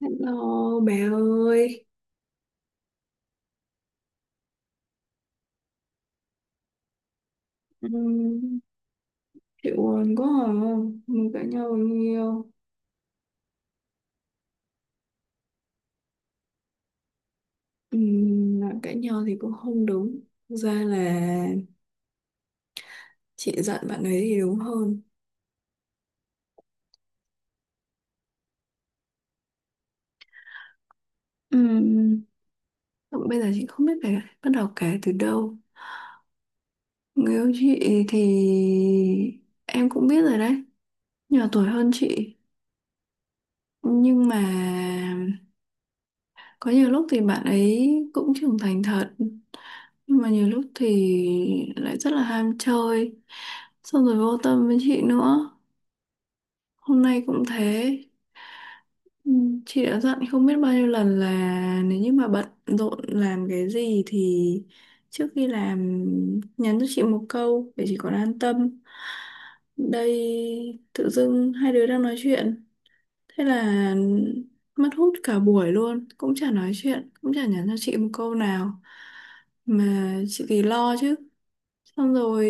Hello bà ơi. Ừm. Chị buồn quá à? Mình cãi nhau bao nhiêu. Nói cãi nhau thì cũng không đúng. Thực ra là chị giận bạn ấy thì đúng hơn. Ừm, Bây giờ chị không biết phải bắt đầu kể từ đâu. Người yêu chị thì em cũng biết rồi đấy. Nhỏ tuổi hơn chị. Nhưng mà có nhiều lúc thì bạn ấy cũng trưởng thành thật, nhưng mà nhiều lúc thì lại rất là ham chơi, xong rồi vô tâm với chị nữa. Hôm nay cũng thế. Ừ, chị đã dặn không biết bao nhiêu lần là nếu như mà bận rộn làm cái gì thì trước khi làm, nhắn cho chị một câu để chị còn an tâm. Đây, tự dưng hai đứa đang nói chuyện, thế là mất hút cả buổi luôn, cũng chả nói chuyện, cũng chả nhắn cho chị một câu nào. Mà chị thì lo chứ. Xong rồi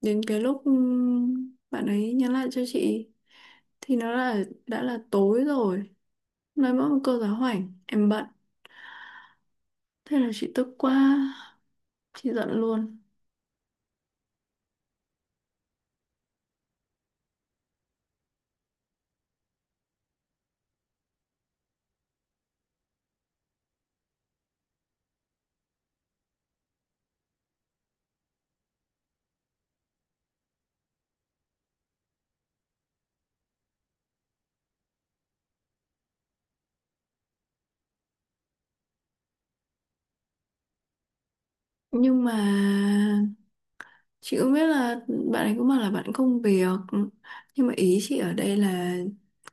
đến cái lúc bạn ấy nhắn lại cho chị thì nó là đã là tối rồi. Nói mỗi một câu giáo hoảnh, em bận. Thế là chị tức quá, chị giận luôn. Nhưng mà chị cũng biết là bạn ấy cũng bảo là bạn không việc. Nhưng mà ý chị ở đây là,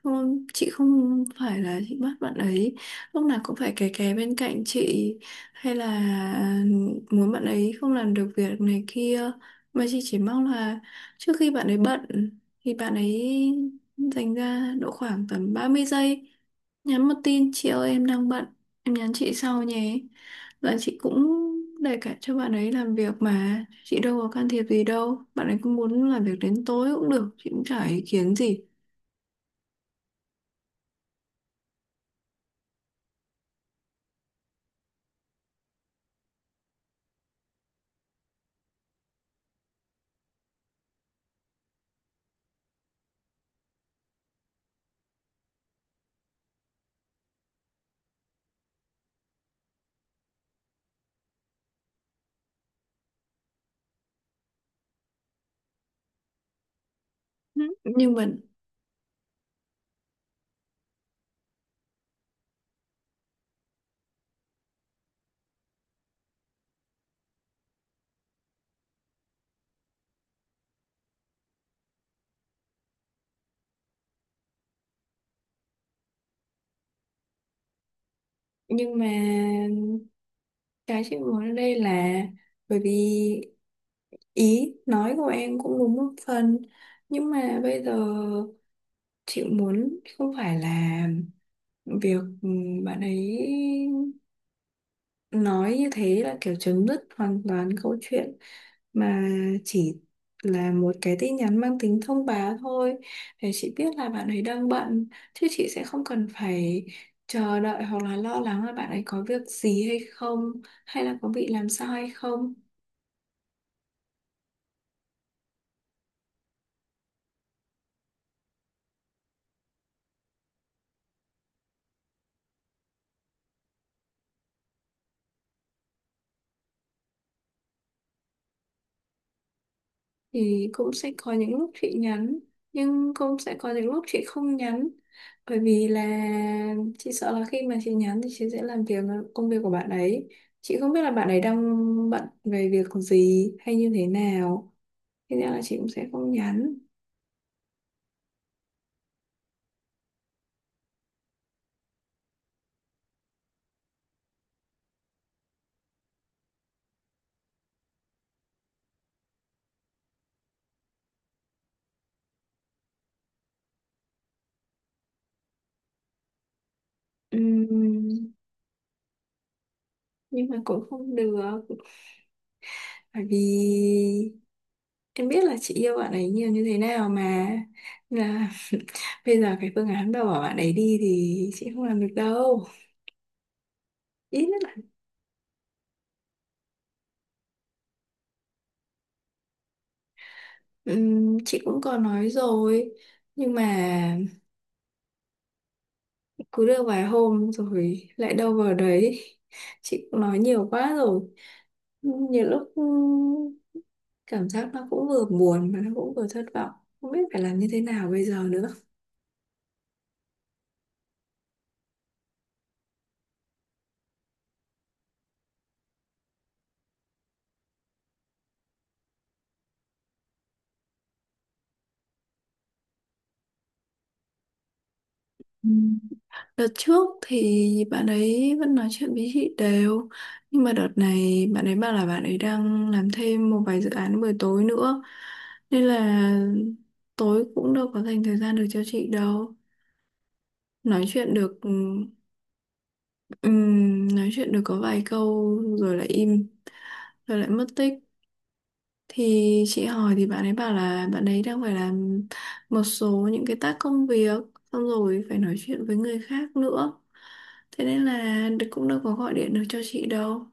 không, chị không phải là chị bắt bạn ấy lúc nào cũng phải kè kè bên cạnh chị. Hay là ừ, muốn bạn ấy không làm được việc này kia. Mà chị chỉ mong là trước khi bạn ấy bận thì bạn ấy dành ra độ khoảng tầm 30 giây, nhắn một tin chị ơi em đang bận, em nhắn chị sau nhé. Dạ, chị cũng để cả cho bạn ấy làm việc mà, chị đâu có can thiệp gì đâu. Bạn ấy cũng muốn làm việc đến tối cũng được, chị cũng chả ý kiến gì. Ừ. Nhưng mà cái chị muốn ở đây là, bởi vì ý nói của em cũng đúng một phần. Nhưng mà bây giờ, chị muốn không phải là việc bạn ấy nói như thế là kiểu chấm dứt hoàn toàn câu chuyện, mà chỉ là một cái tin nhắn mang tính thông báo thôi, để chị biết là bạn ấy đang bận, chứ chị sẽ không cần phải chờ đợi hoặc là lo lắng là bạn ấy có việc gì hay không, hay là có bị làm sao hay không. Thì cũng sẽ có những lúc chị nhắn, nhưng cũng sẽ có những lúc chị không nhắn, bởi vì là chị sợ là khi mà chị nhắn thì chị sẽ công việc của bạn ấy, chị không biết là bạn ấy đang bận về việc gì hay như thế nào, thế nên là chị cũng sẽ không nhắn. Ừm, nhưng mà cũng không được, bởi vì em biết là chị yêu bạn ấy nhiều như thế nào mà. Nên là bây giờ cái phương án bảo bảo bạn ấy đi thì chị không làm được đâu, ít nhất. Chị cũng có nói rồi, nhưng mà cứ được vài hôm rồi lại đâu vào đấy. Chị cũng nói nhiều quá rồi, nhiều lúc cảm giác nó cũng vừa buồn mà nó cũng vừa thất vọng, không biết phải làm như thế nào bây giờ nữa. Ừ. Đợt trước thì bạn ấy vẫn nói chuyện với chị đều, nhưng mà đợt này bạn ấy bảo là bạn ấy đang làm thêm một vài dự án buổi tối nữa, nên là tối cũng đâu có dành thời gian được cho chị đâu, nói chuyện được nói chuyện được có vài câu rồi lại im, rồi lại mất tích. Thì chị hỏi thì bạn ấy bảo là bạn ấy đang phải làm một số những cái tác công việc, xong rồi phải nói chuyện với người khác nữa, thế nên là cũng đâu có gọi điện được cho chị đâu.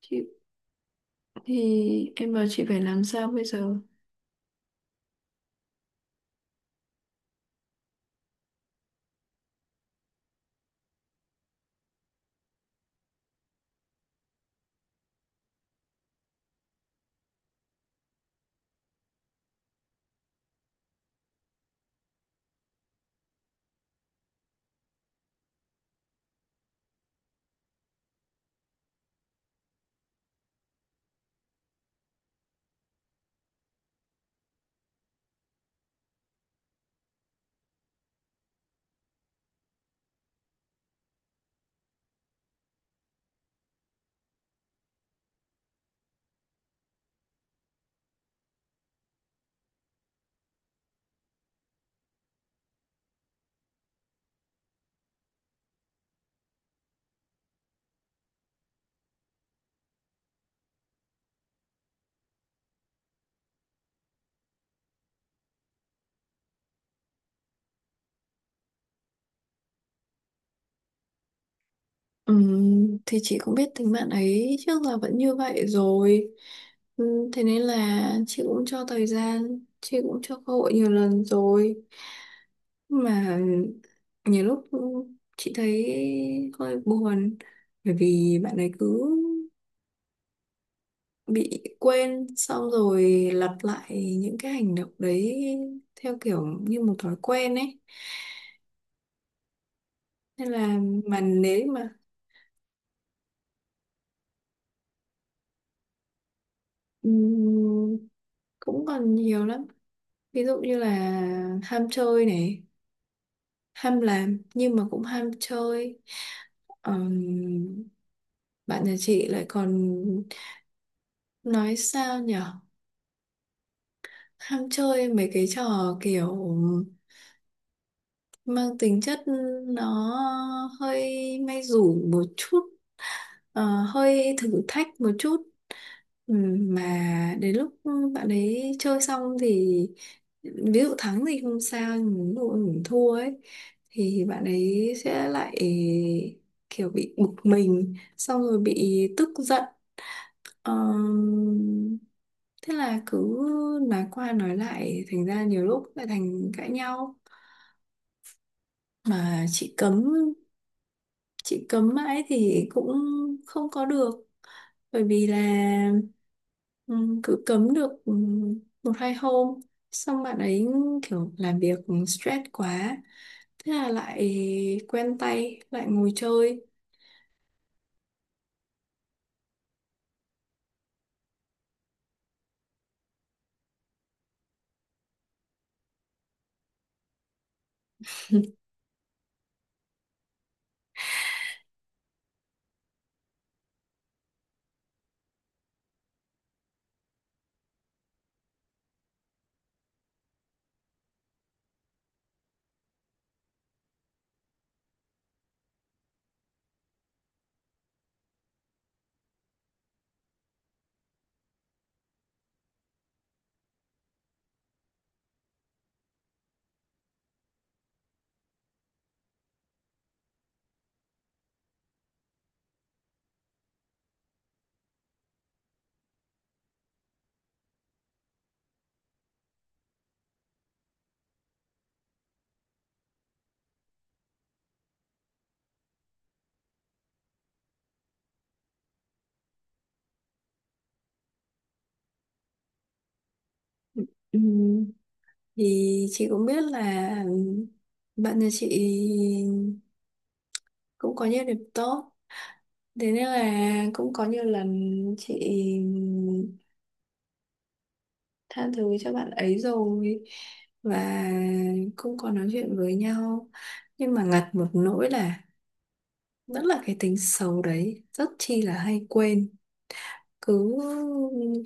Chị thì em bảo chị phải làm sao bây giờ. Thì chị cũng biết tính bạn ấy trước là vẫn như vậy rồi. Thế nên là chị cũng cho thời gian, chị cũng cho cơ hội nhiều lần rồi, mà nhiều lúc chị thấy hơi buồn, bởi vì bạn ấy cứ bị quên xong rồi lặp lại những cái hành động đấy theo kiểu như một thói quen ấy. Nên là, mà nếu mà, ừm, cũng còn nhiều lắm, ví dụ như là ham chơi này, ham làm nhưng mà cũng ham chơi. Ờm, Bạn nhà chị lại còn, nói sao nhở, ham chơi mấy cái trò kiểu mang tính chất nó hơi may rủi một chút, ờ, hơi thử thách một chút. Mà đến lúc bạn ấy chơi xong thì, ví dụ thắng thì không sao nhưng ví dụ mình thua ấy, thì bạn ấy sẽ lại kiểu bị bực mình xong rồi bị tức giận. Ờm, Thế là cứ nói qua nói lại thành ra nhiều lúc lại thành cãi nhau. Mà chị cấm, chị cấm mãi thì cũng không có được, bởi vì là cứ cấm được một hai hôm, xong bạn ấy kiểu làm việc stress quá, thế là lại quen tay lại ngồi chơi. Ừm, thì chị cũng biết là bạn nhà chị cũng có nhiều điểm tốt, thế nên là cũng có nhiều lần chị tha thứ cho bạn ấy rồi, và không có nói chuyện với nhau. Nhưng mà ngặt một nỗi là vẫn là cái tính xấu đấy rất chi là hay quên, cứ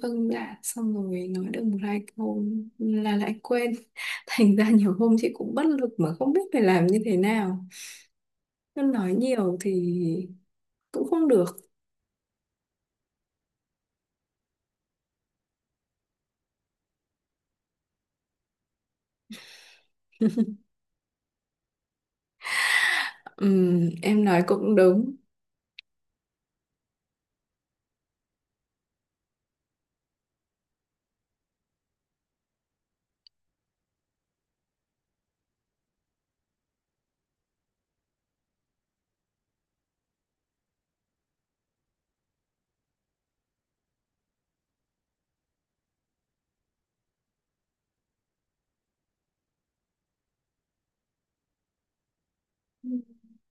vâng dạ xong rồi nói được một hai câu là lại quên thành ra nhiều hôm chị cũng bất lực mà không biết phải làm như thế nào. Cứ nói nhiều thì cũng không được. Em nói cũng đúng.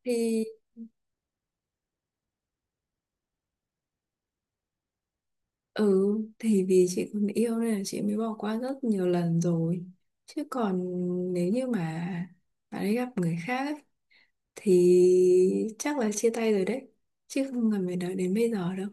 thì Ừ, thì vì chị còn yêu nên là chị mới bỏ qua rất nhiều lần rồi. Chứ còn nếu như mà bạn ấy gặp người khác ấy, thì chắc là chia tay rồi đấy. Chứ không cần phải đợi đến bây giờ đâu.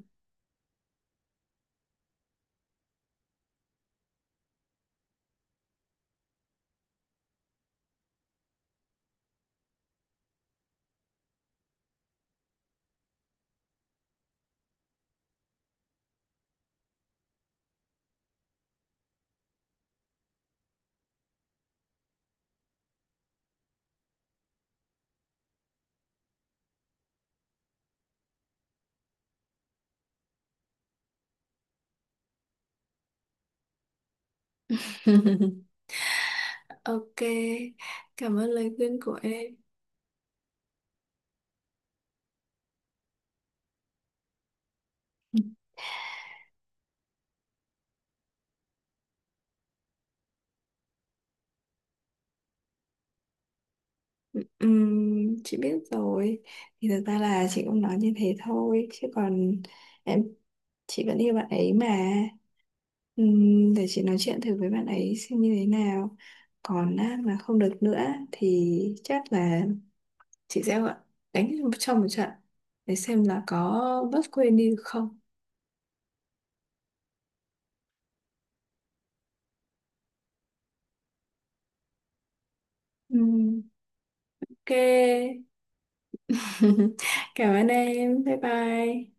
Ok, cảm ơn lời khuyên của em. Chị biết rồi, thì thật ra là chị cũng nói như thế thôi chứ còn em, chị vẫn yêu bạn ấy mà. Để chị nói chuyện thử với bạn ấy xem như thế nào, còn á, mà không được nữa thì chắc là chị sẽ đánh cho một trận để xem là có bớt quên đi được không. Ừm, ok. Cảm ơn em, bye bye.